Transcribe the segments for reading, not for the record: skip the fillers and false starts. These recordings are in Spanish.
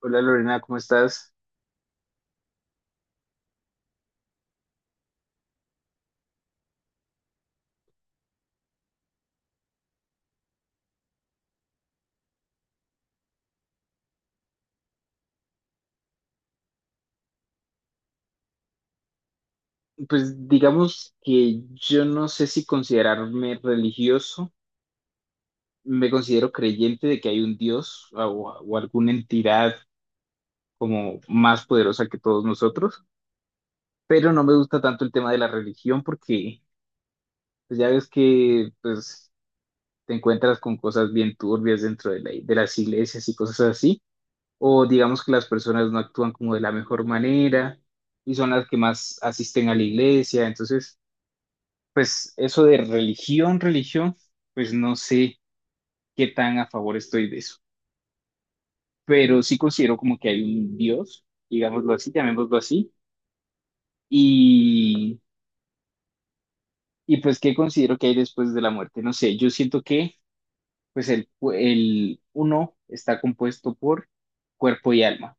Hola Lorena, ¿cómo estás? Pues digamos que yo no sé si considerarme religioso, me considero creyente de que hay un Dios o alguna entidad como más poderosa que todos nosotros, pero no me gusta tanto el tema de la religión porque pues, ya ves que pues, te encuentras con cosas bien turbias dentro de de las iglesias y cosas así, o digamos que las personas no actúan como de la mejor manera y son las que más asisten a la iglesia, entonces. Pues eso de religión, religión, pues no sé qué tan a favor estoy de eso, pero sí considero como que hay un Dios, digámoslo así, llamémoslo así, y, y pues qué considero que hay después de la muerte, no sé, yo siento que pues el uno está compuesto por cuerpo y alma,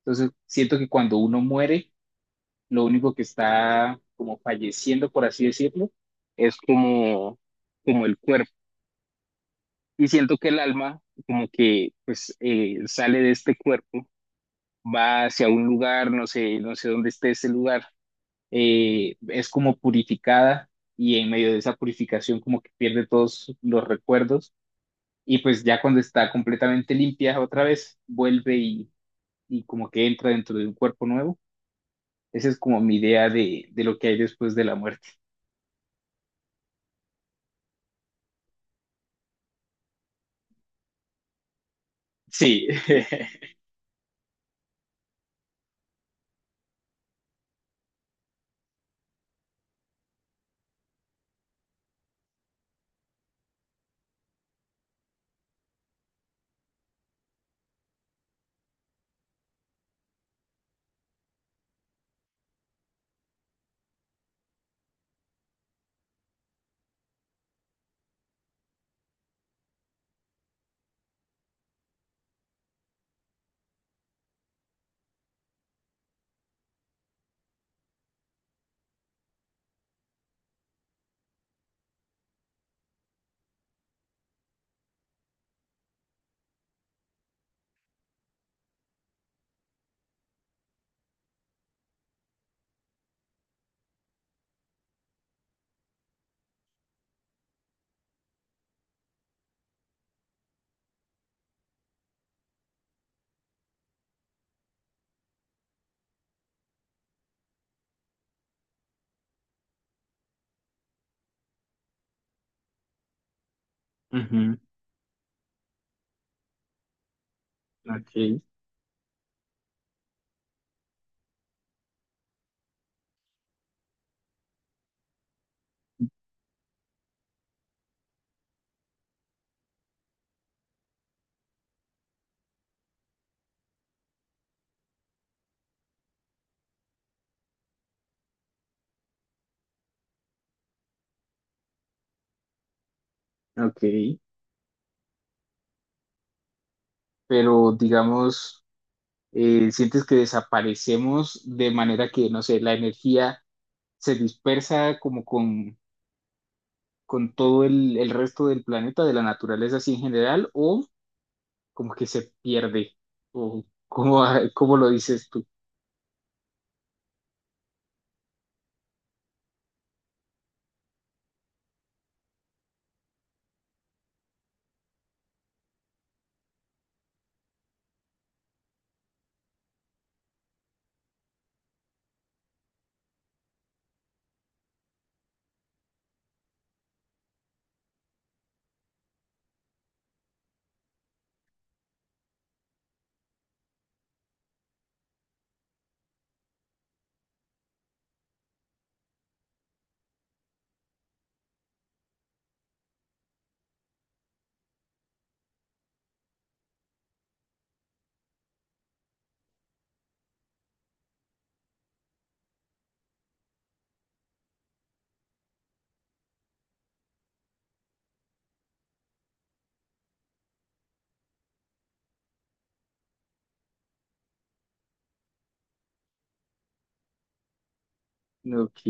entonces siento que cuando uno muere, lo único que está como falleciendo, por así decirlo, es como, como el cuerpo. Y siento que el alma como que pues sale de este cuerpo, va hacia un lugar, no sé, no sé dónde esté ese lugar, es como purificada y en medio de esa purificación como que pierde todos los recuerdos y pues ya cuando está completamente limpia otra vez vuelve y como que entra dentro de un cuerpo nuevo. Esa es como mi idea de lo que hay después de la muerte. Sí. Ujú. Ok, ok. Pero digamos, sientes que desaparecemos de manera que, no sé, la energía se dispersa como con todo el resto del planeta, de la naturaleza así en general, o como que se pierde, o cómo, cómo lo dices tú. Ok,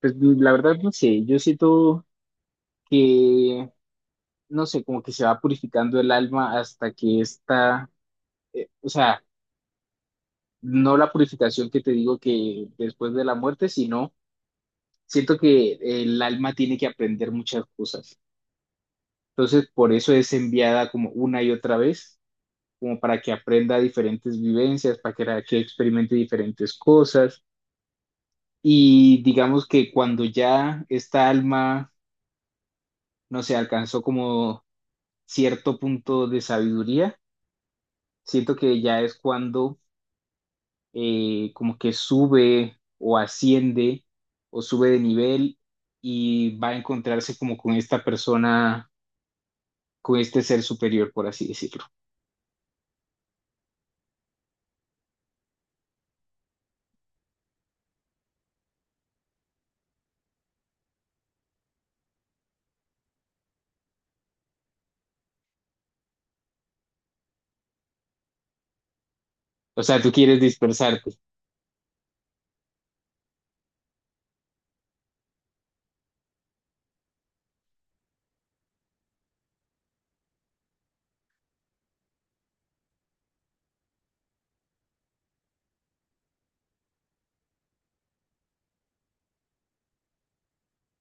pues la verdad no sé, yo siento que, no sé, como que se va purificando el alma hasta que está, o sea, no la purificación que te digo que después de la muerte, sino. Siento que el alma tiene que aprender muchas cosas. Entonces, por eso es enviada como una y otra vez, como para que aprenda diferentes vivencias, para que experimente diferentes cosas. Y digamos que cuando ya esta alma, no sé, alcanzó como cierto punto de sabiduría, siento que ya es cuando como que sube o asciende o sube de nivel y va a encontrarse como con esta persona con este ser superior, por así decirlo. O sea, tú quieres dispersarte.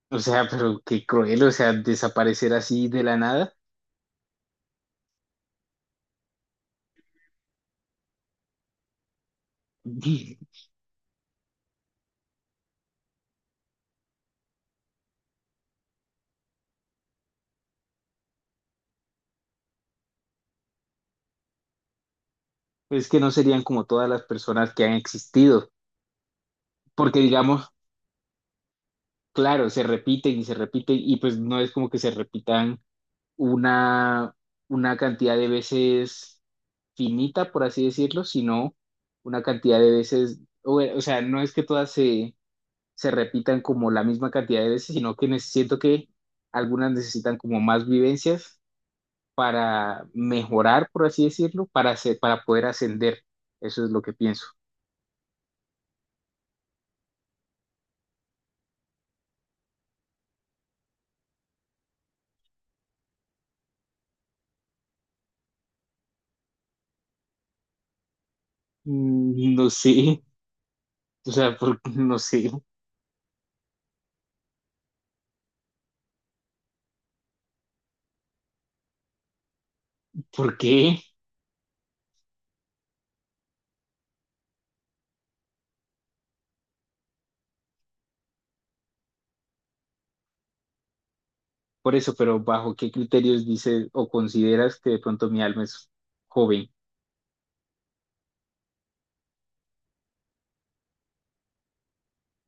O sea, pero qué cruel, o sea, desaparecer así de la nada. Es que no serían como todas las personas que han existido, porque digamos, claro, se repiten y pues no es como que se repitan una, una cantidad de veces finita, por así decirlo, sino una cantidad de veces, o sea, no es que todas se repitan como la misma cantidad de veces, sino que siento que algunas necesitan como más vivencias para mejorar, por así decirlo, para, para poder ascender. Eso es lo que pienso. Mm, no sé, o sea, no sé por qué, por eso, pero bajo qué criterios dices o consideras que de pronto mi alma es joven.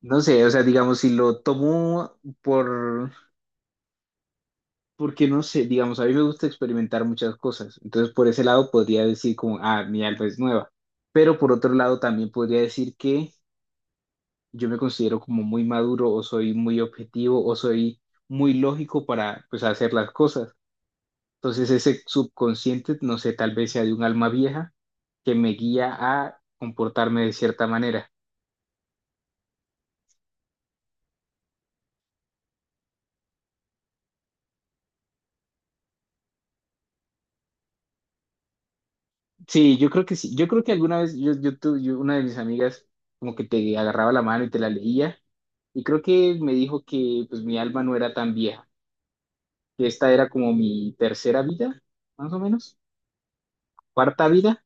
No sé, o sea, digamos, si lo tomo por, porque no sé, digamos, a mí me gusta experimentar muchas cosas, entonces por ese lado podría decir como, ah, mi alma es nueva, pero por otro lado también podría decir que yo me considero como muy maduro o soy muy objetivo o soy muy lógico para pues hacer las cosas. Entonces ese subconsciente, no sé, tal vez sea de un alma vieja que me guía a comportarme de cierta manera. Sí, yo creo que sí, yo creo que alguna vez una de mis amigas como que te agarraba la mano y te la leía. Y creo que me dijo que pues mi alma no era tan vieja, que esta era como mi tercera vida, más o menos, cuarta vida.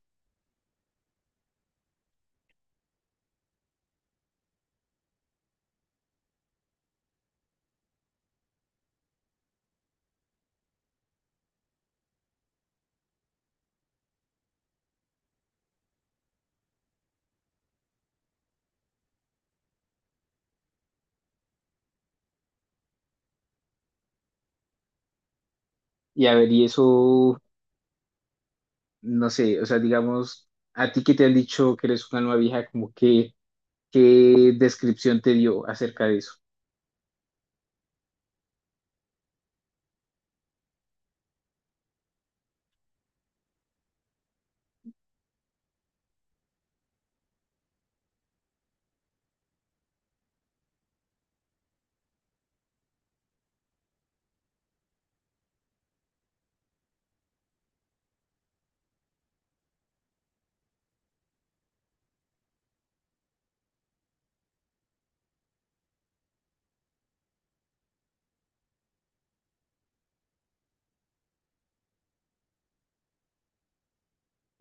Y a ver, y eso, no sé, o sea, digamos, a ti que te han dicho que eres un alma vieja, como que, ¿qué descripción te dio acerca de eso?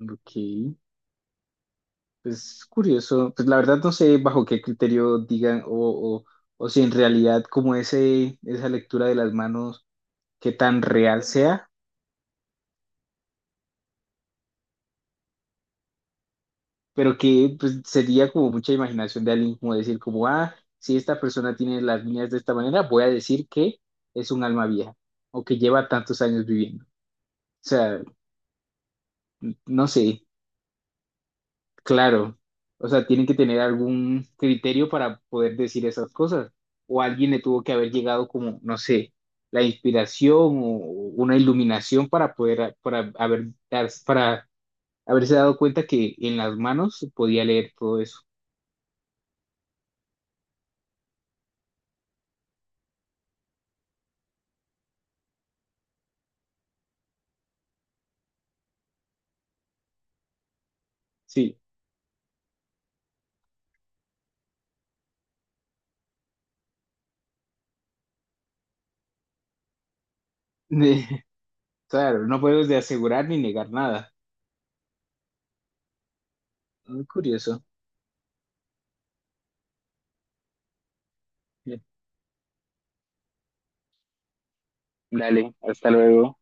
Ok, pues curioso. Pues la verdad no sé bajo qué criterio digan o si en realidad como ese, esa lectura de las manos, qué tan real sea. Pero que pues, sería como mucha imaginación de alguien como decir como, ah, si esta persona tiene las líneas de esta manera, voy a decir que es un alma vieja o que lleva tantos años viviendo. O sea, no sé, claro. O sea, tienen que tener algún criterio para poder decir esas cosas. O alguien le tuvo que haber llegado como, no sé, la inspiración o una iluminación para haberse dado cuenta que en las manos podía leer todo eso. Sí. Claro, no puedes de asegurar ni negar nada. Muy curioso. Dale, hasta luego.